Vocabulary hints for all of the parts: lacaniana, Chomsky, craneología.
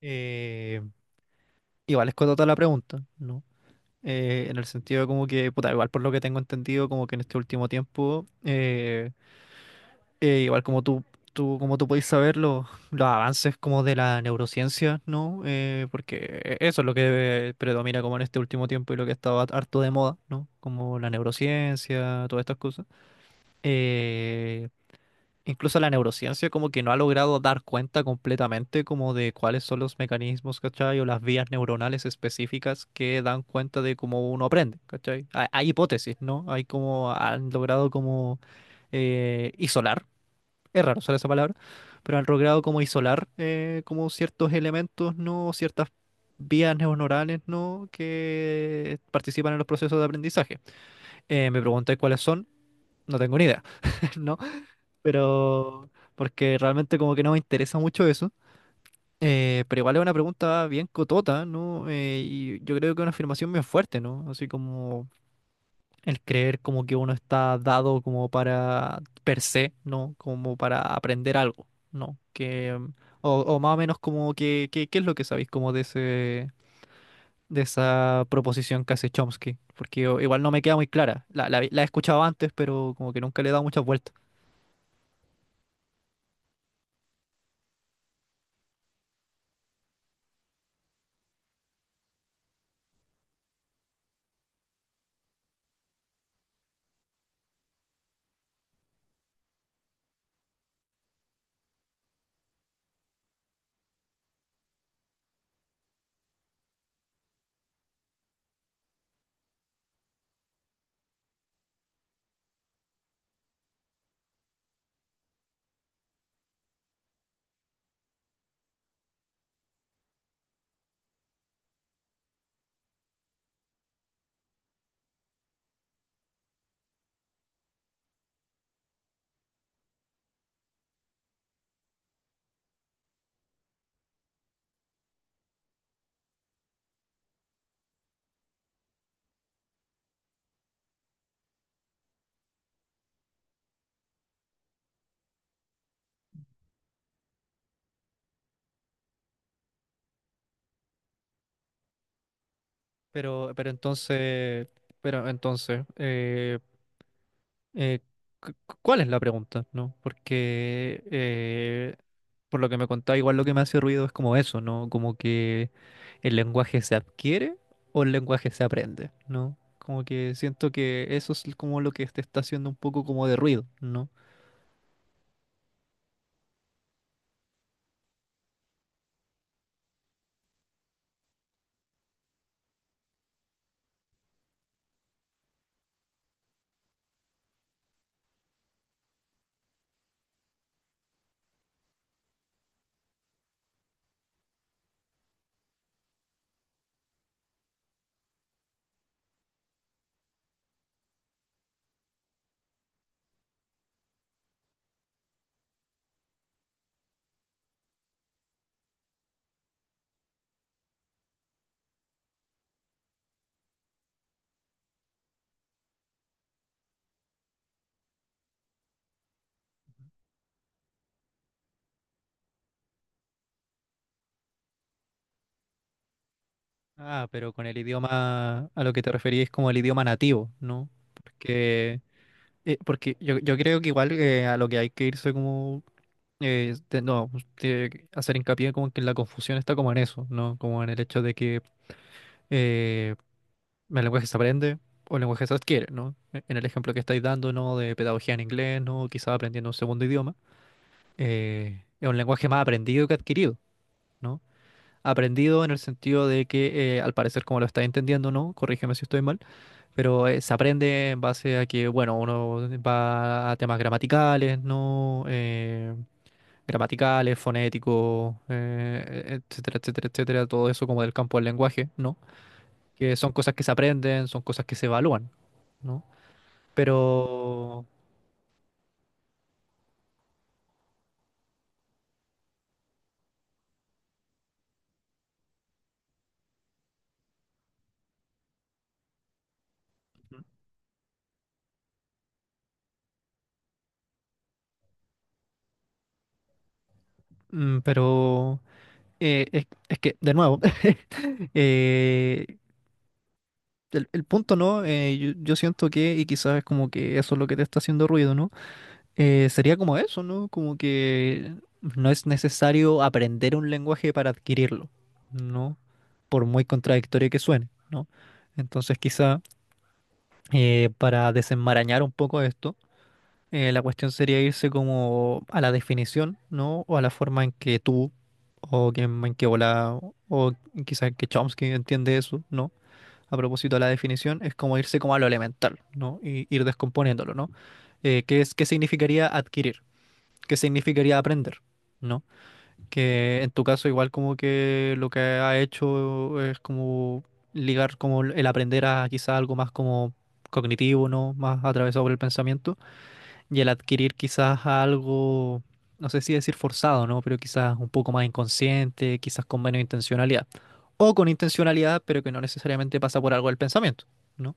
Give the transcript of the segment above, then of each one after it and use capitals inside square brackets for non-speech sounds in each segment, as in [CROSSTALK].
Eh, Igual es toda la pregunta, ¿no? En el sentido de como que, puta, igual por lo que tengo entendido, como que en este último tiempo, igual como tú, como tú podéis saber, los avances como de la neurociencia, ¿no? Porque eso es lo que predomina como en este último tiempo y lo que ha estado harto de moda, ¿no? Como la neurociencia, todas estas cosas. Eh, Incluso la neurociencia como que no ha logrado dar cuenta completamente como de cuáles son los mecanismos, ¿cachai? O las vías neuronales específicas que dan cuenta de cómo uno aprende, ¿cachai? Hay hipótesis, ¿no? Hay como, han logrado como isolar, es raro usar esa palabra, pero han logrado como isolar como ciertos elementos, ¿no? Ciertas vías neuronales, ¿no? Que participan en los procesos de aprendizaje. Me pregunté cuáles son, no tengo ni idea, [LAUGHS] ¿no? pero porque realmente como que no me interesa mucho eso. Pero igual es una pregunta bien cotota, ¿no? Y yo creo que es una afirmación bien fuerte, ¿no? Así como el creer como que uno está dado como para per se, ¿no? Como para aprender algo, ¿no? Que, o más o menos como que, ¿qué es lo que sabéis como de de esa proposición que hace Chomsky? Porque igual no me queda muy clara. La he escuchado antes, pero como que nunca le he dado muchas vueltas. Pero, pero entonces, pero entonces, eh, cu- cu- ¿Cuál es la pregunta? ¿No? Porque por lo que me contaba, igual lo que me hace ruido es como eso, ¿no? Como que el lenguaje se adquiere o el lenguaje se aprende, ¿no? Como que siento que eso es como lo que te está haciendo un poco como de ruido, ¿no? Ah, pero con el idioma a lo que te referís como el idioma nativo, ¿no? Porque, porque yo creo que igual a lo que hay que irse como no, pues, de hacer hincapié como que la confusión está como en eso, ¿no? Como en el hecho de que eh, el lenguaje se aprende o el lenguaje se adquiere, ¿no? En el ejemplo que estáis dando, ¿no? De pedagogía en inglés, ¿no? Quizás aprendiendo un segundo idioma. Es un lenguaje más aprendido que adquirido, ¿no? Aprendido en el sentido de que, al parecer, como lo estáis entendiendo, ¿no? Corrígeme si estoy mal, pero se aprende en base a que, bueno, uno va a temas gramaticales, ¿no? Gramaticales, fonéticos, etcétera, etcétera, etcétera, todo eso como del campo del lenguaje, ¿no? Que son cosas que se aprenden, son cosas que se evalúan, ¿no? Pero, mm, pero, es que, de nuevo, [LAUGHS] eh, el punto, ¿no? Eh, yo siento que, y quizás es como que eso es lo que te está haciendo ruido, ¿no? Sería como eso, ¿no? Como que no es necesario aprender un lenguaje para adquirirlo, ¿no? Por muy contradictorio que suene, ¿no? Entonces quizá para desenmarañar un poco esto, la cuestión sería irse como a la definición, ¿no? O a la forma en que o que, en que Ola, o quizá que Chomsky entiende eso, ¿no? A propósito de la definición, es como irse como a lo elemental, ¿no? Y ir descomponiéndolo, ¿no? ¿Qué es, qué significaría adquirir? Qué significaría aprender, ¿no? Que en tu caso igual como que lo que ha hecho es como ligar como el aprender a quizás algo más como cognitivo, ¿no? Más atravesado por el pensamiento y el adquirir quizás algo, no sé si decir forzado, ¿no? Pero quizás un poco más inconsciente, quizás con menos intencionalidad. O con intencionalidad, pero que no necesariamente pasa por algo del pensamiento, ¿no?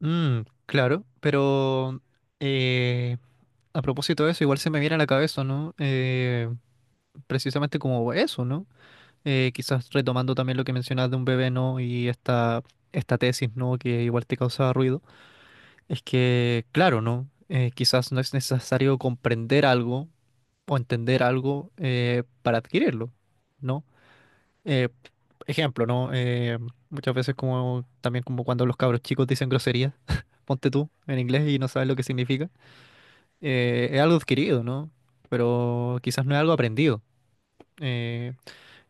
Mm, claro, pero eh, a propósito de eso, igual se me viene a la cabeza, ¿no? Precisamente como eso, ¿no? Quizás retomando también lo que mencionas de un bebé, ¿no? Y esta tesis, ¿no? Que igual te causaba ruido. Es que, claro, ¿no? Quizás no es necesario comprender algo o entender algo para adquirirlo, ¿no? eh, ejemplo, ¿no? Muchas veces como también como cuando los cabros chicos dicen groserías, [LAUGHS] ponte tú en inglés y no sabes lo que significa. Es algo adquirido, ¿no? Pero quizás no es algo aprendido. Eh,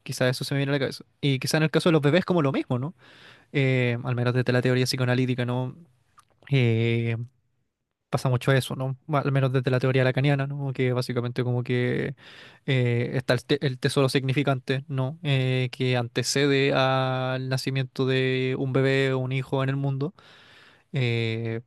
Quizás eso se me viene a la cabeza. Y quizás en el caso de los bebés como lo mismo, ¿no? Al menos desde la teoría psicoanalítica, ¿no? Eh, Pasa mucho eso, ¿no? Al menos desde la teoría lacaniana, ¿no? Que básicamente como que está el tesoro significante, ¿no? Que antecede al nacimiento de un bebé o un hijo en el mundo. eh,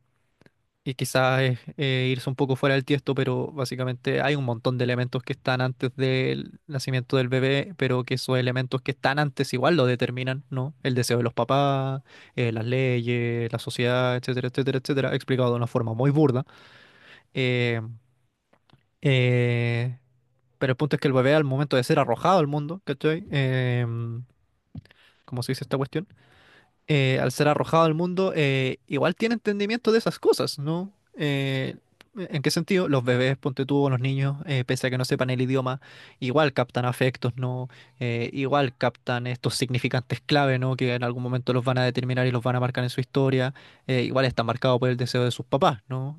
y quizás es irse un poco fuera del tiesto, pero básicamente hay un montón de elementos que están antes del nacimiento del bebé, pero que esos elementos que están antes igual lo determinan, ¿no? El deseo de los papás, las leyes, la sociedad, etcétera, etcétera, etcétera, explicado de una forma muy burda. eh, eh, pero el punto es que el bebé al momento de ser arrojado al mundo, ¿cachai? Em, como se dice esta cuestión, al ser arrojado al mundo, igual tiene entendimiento de esas cosas, ¿no? ¿En qué sentido? Los bebés, ponte tú, o los niños, pese a que no sepan el idioma, igual captan afectos, ¿no? Igual captan estos significantes clave, ¿no? Que en algún momento los van a determinar y los van a marcar en su historia. Igual está marcado por el deseo de sus papás, ¿no?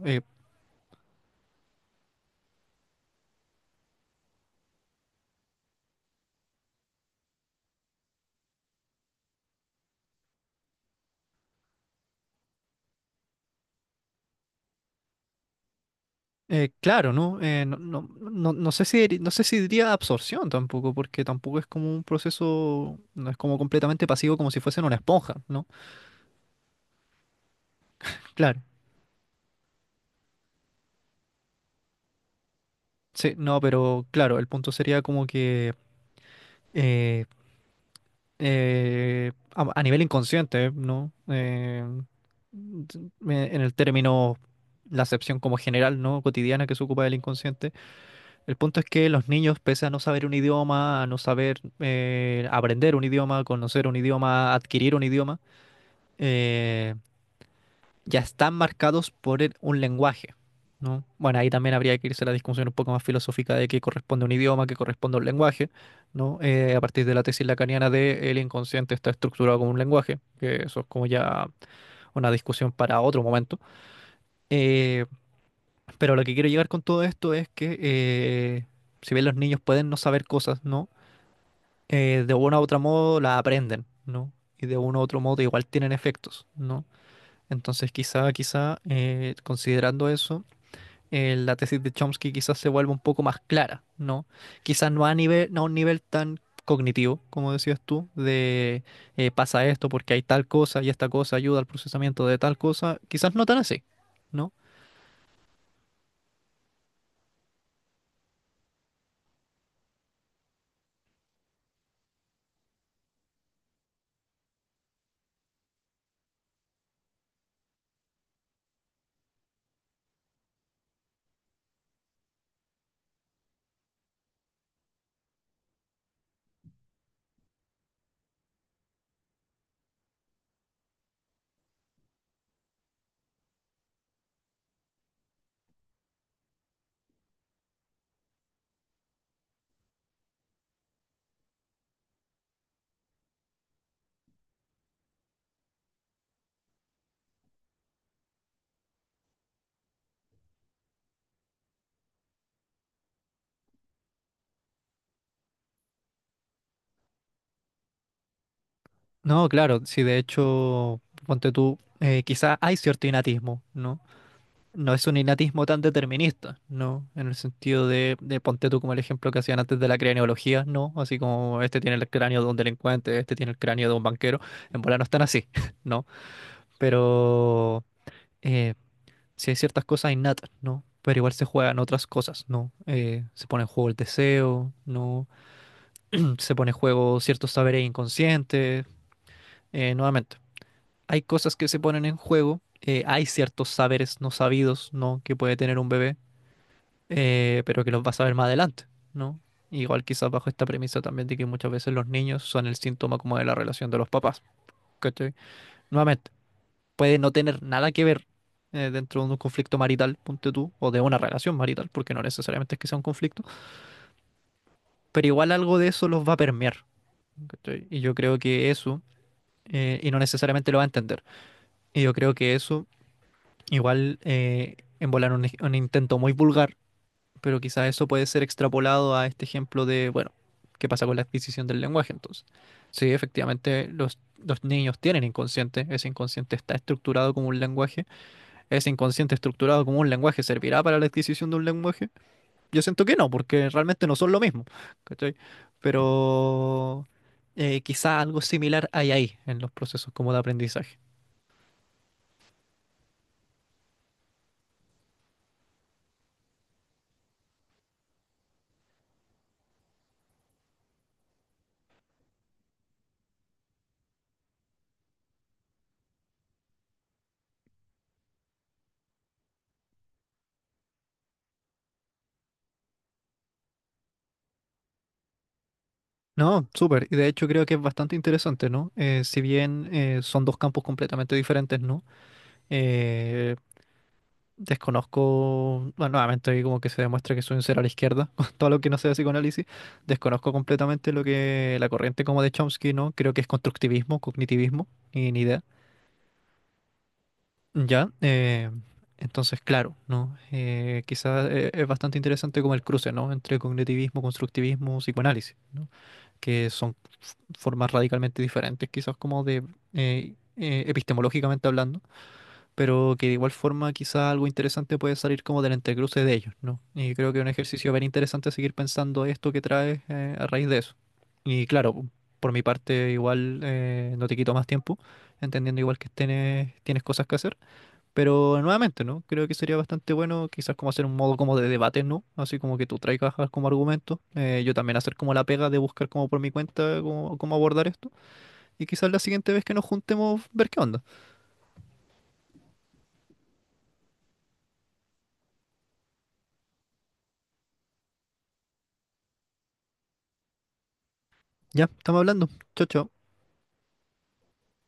Claro, ¿no? No sé si, no sé si diría absorción tampoco, porque tampoco es como un proceso, no es como completamente pasivo como si fuesen una esponja, ¿no? Claro, sí, no, pero claro, el punto sería como que eh, a nivel inconsciente, ¿no? En el término, la acepción como general, ¿no? Cotidiana que se ocupa del inconsciente. El punto es que los niños, pese a no saber un idioma, a no saber aprender un idioma, conocer un idioma, adquirir un idioma, eh, ya están marcados por un lenguaje, ¿no? Bueno, ahí también habría que irse a la discusión un poco más filosófica de qué corresponde a un idioma, qué corresponde a un lenguaje, ¿no? A partir de la tesis lacaniana de el inconsciente está estructurado como un lenguaje, que eso es como ya una discusión para otro momento. Eh, pero lo que quiero llegar con todo esto es que si bien los niños pueden no saber cosas, ¿no? De uno a otro modo la aprenden, ¿no? Y de uno a otro modo igual tienen efectos, ¿no? Entonces quizá, considerando eso, la tesis de Chomsky quizás se vuelva un poco más clara, ¿no? Quizás no a nivel, no a un nivel tan cognitivo, como decías tú, de pasa esto porque hay tal cosa y esta cosa ayuda al procesamiento de tal cosa, quizás no tan así, ¿no? No, claro, si de hecho, ponte tú, quizás hay cierto innatismo, ¿no? No es un innatismo tan determinista, ¿no? En el sentido de ponte tú como el ejemplo que hacían antes de la craneología, ¿no? Así como este tiene el cráneo de un delincuente, este tiene el cráneo de un banquero, en bola no están así, [LAUGHS] ¿no? Pero eh, sí hay ciertas cosas innatas, ¿no? Pero igual se juegan otras cosas, ¿no? Se pone en juego el deseo, ¿no? [CLEARS THROAT] Se pone en juego ciertos saberes inconscientes, nuevamente. Hay cosas que se ponen en juego, hay ciertos saberes no sabidos, ¿no? Que puede tener un bebé pero que los vas a ver más adelante, ¿no? Igual quizás bajo esta premisa también de que muchas veces los niños son el síntoma como de la relación de los papás, ¿cachai? Nuevamente, puede no tener nada que ver dentro de un conflicto marital, ponte tú, o de una relación marital, porque no necesariamente es que sea un conflicto, pero igual algo de eso los va a permear, ¿cachai? Y yo creo que eso, y no necesariamente lo va a entender, y yo creo que eso igual... En volar un intento muy vulgar pero quizás eso puede ser extrapolado a este ejemplo de, bueno, ¿qué pasa con la adquisición del lenguaje entonces? Sí, efectivamente, los niños tienen inconsciente, ese inconsciente está estructurado como un lenguaje, ese inconsciente estructurado como un lenguaje servirá para la adquisición de un lenguaje. Yo siento que no, porque realmente no son lo mismo, ¿cachai? Pero quizá algo similar hay ahí en los procesos como de aprendizaje. No, súper. Y de hecho creo que es bastante interesante, ¿no? Si bien son dos campos completamente diferentes, ¿no? Eh, Desconozco, bueno, nuevamente ahí como que se demuestra que soy un cero a la izquierda, [LAUGHS] con todo lo que no sea psicoanálisis, desconozco completamente lo que la corriente como de Chomsky, ¿no? Creo que es constructivismo, cognitivismo, ni idea. Ya, entonces, claro, ¿no? Eh, quizás es bastante interesante como el cruce, ¿no? Entre cognitivismo, constructivismo, psicoanálisis, ¿no? Que son formas radicalmente diferentes, quizás como de, epistemológicamente hablando pero que de igual forma quizá algo interesante puede salir como del entrecruce de ellos, ¿no? Y creo que es un ejercicio bien interesante seguir pensando esto que traes a raíz de eso. Y claro, por mi parte igual no te quito más tiempo, entendiendo igual que tienes cosas que hacer, pero nuevamente, ¿no? Creo que sería bastante bueno quizás como hacer un modo como de debate, ¿no? Así como que tú traigas como argumento, yo también hacer como la pega de buscar como por mi cuenta cómo abordar esto, y quizás la siguiente vez que nos juntemos ver qué onda. Ya, estamos hablando. Chao, chao.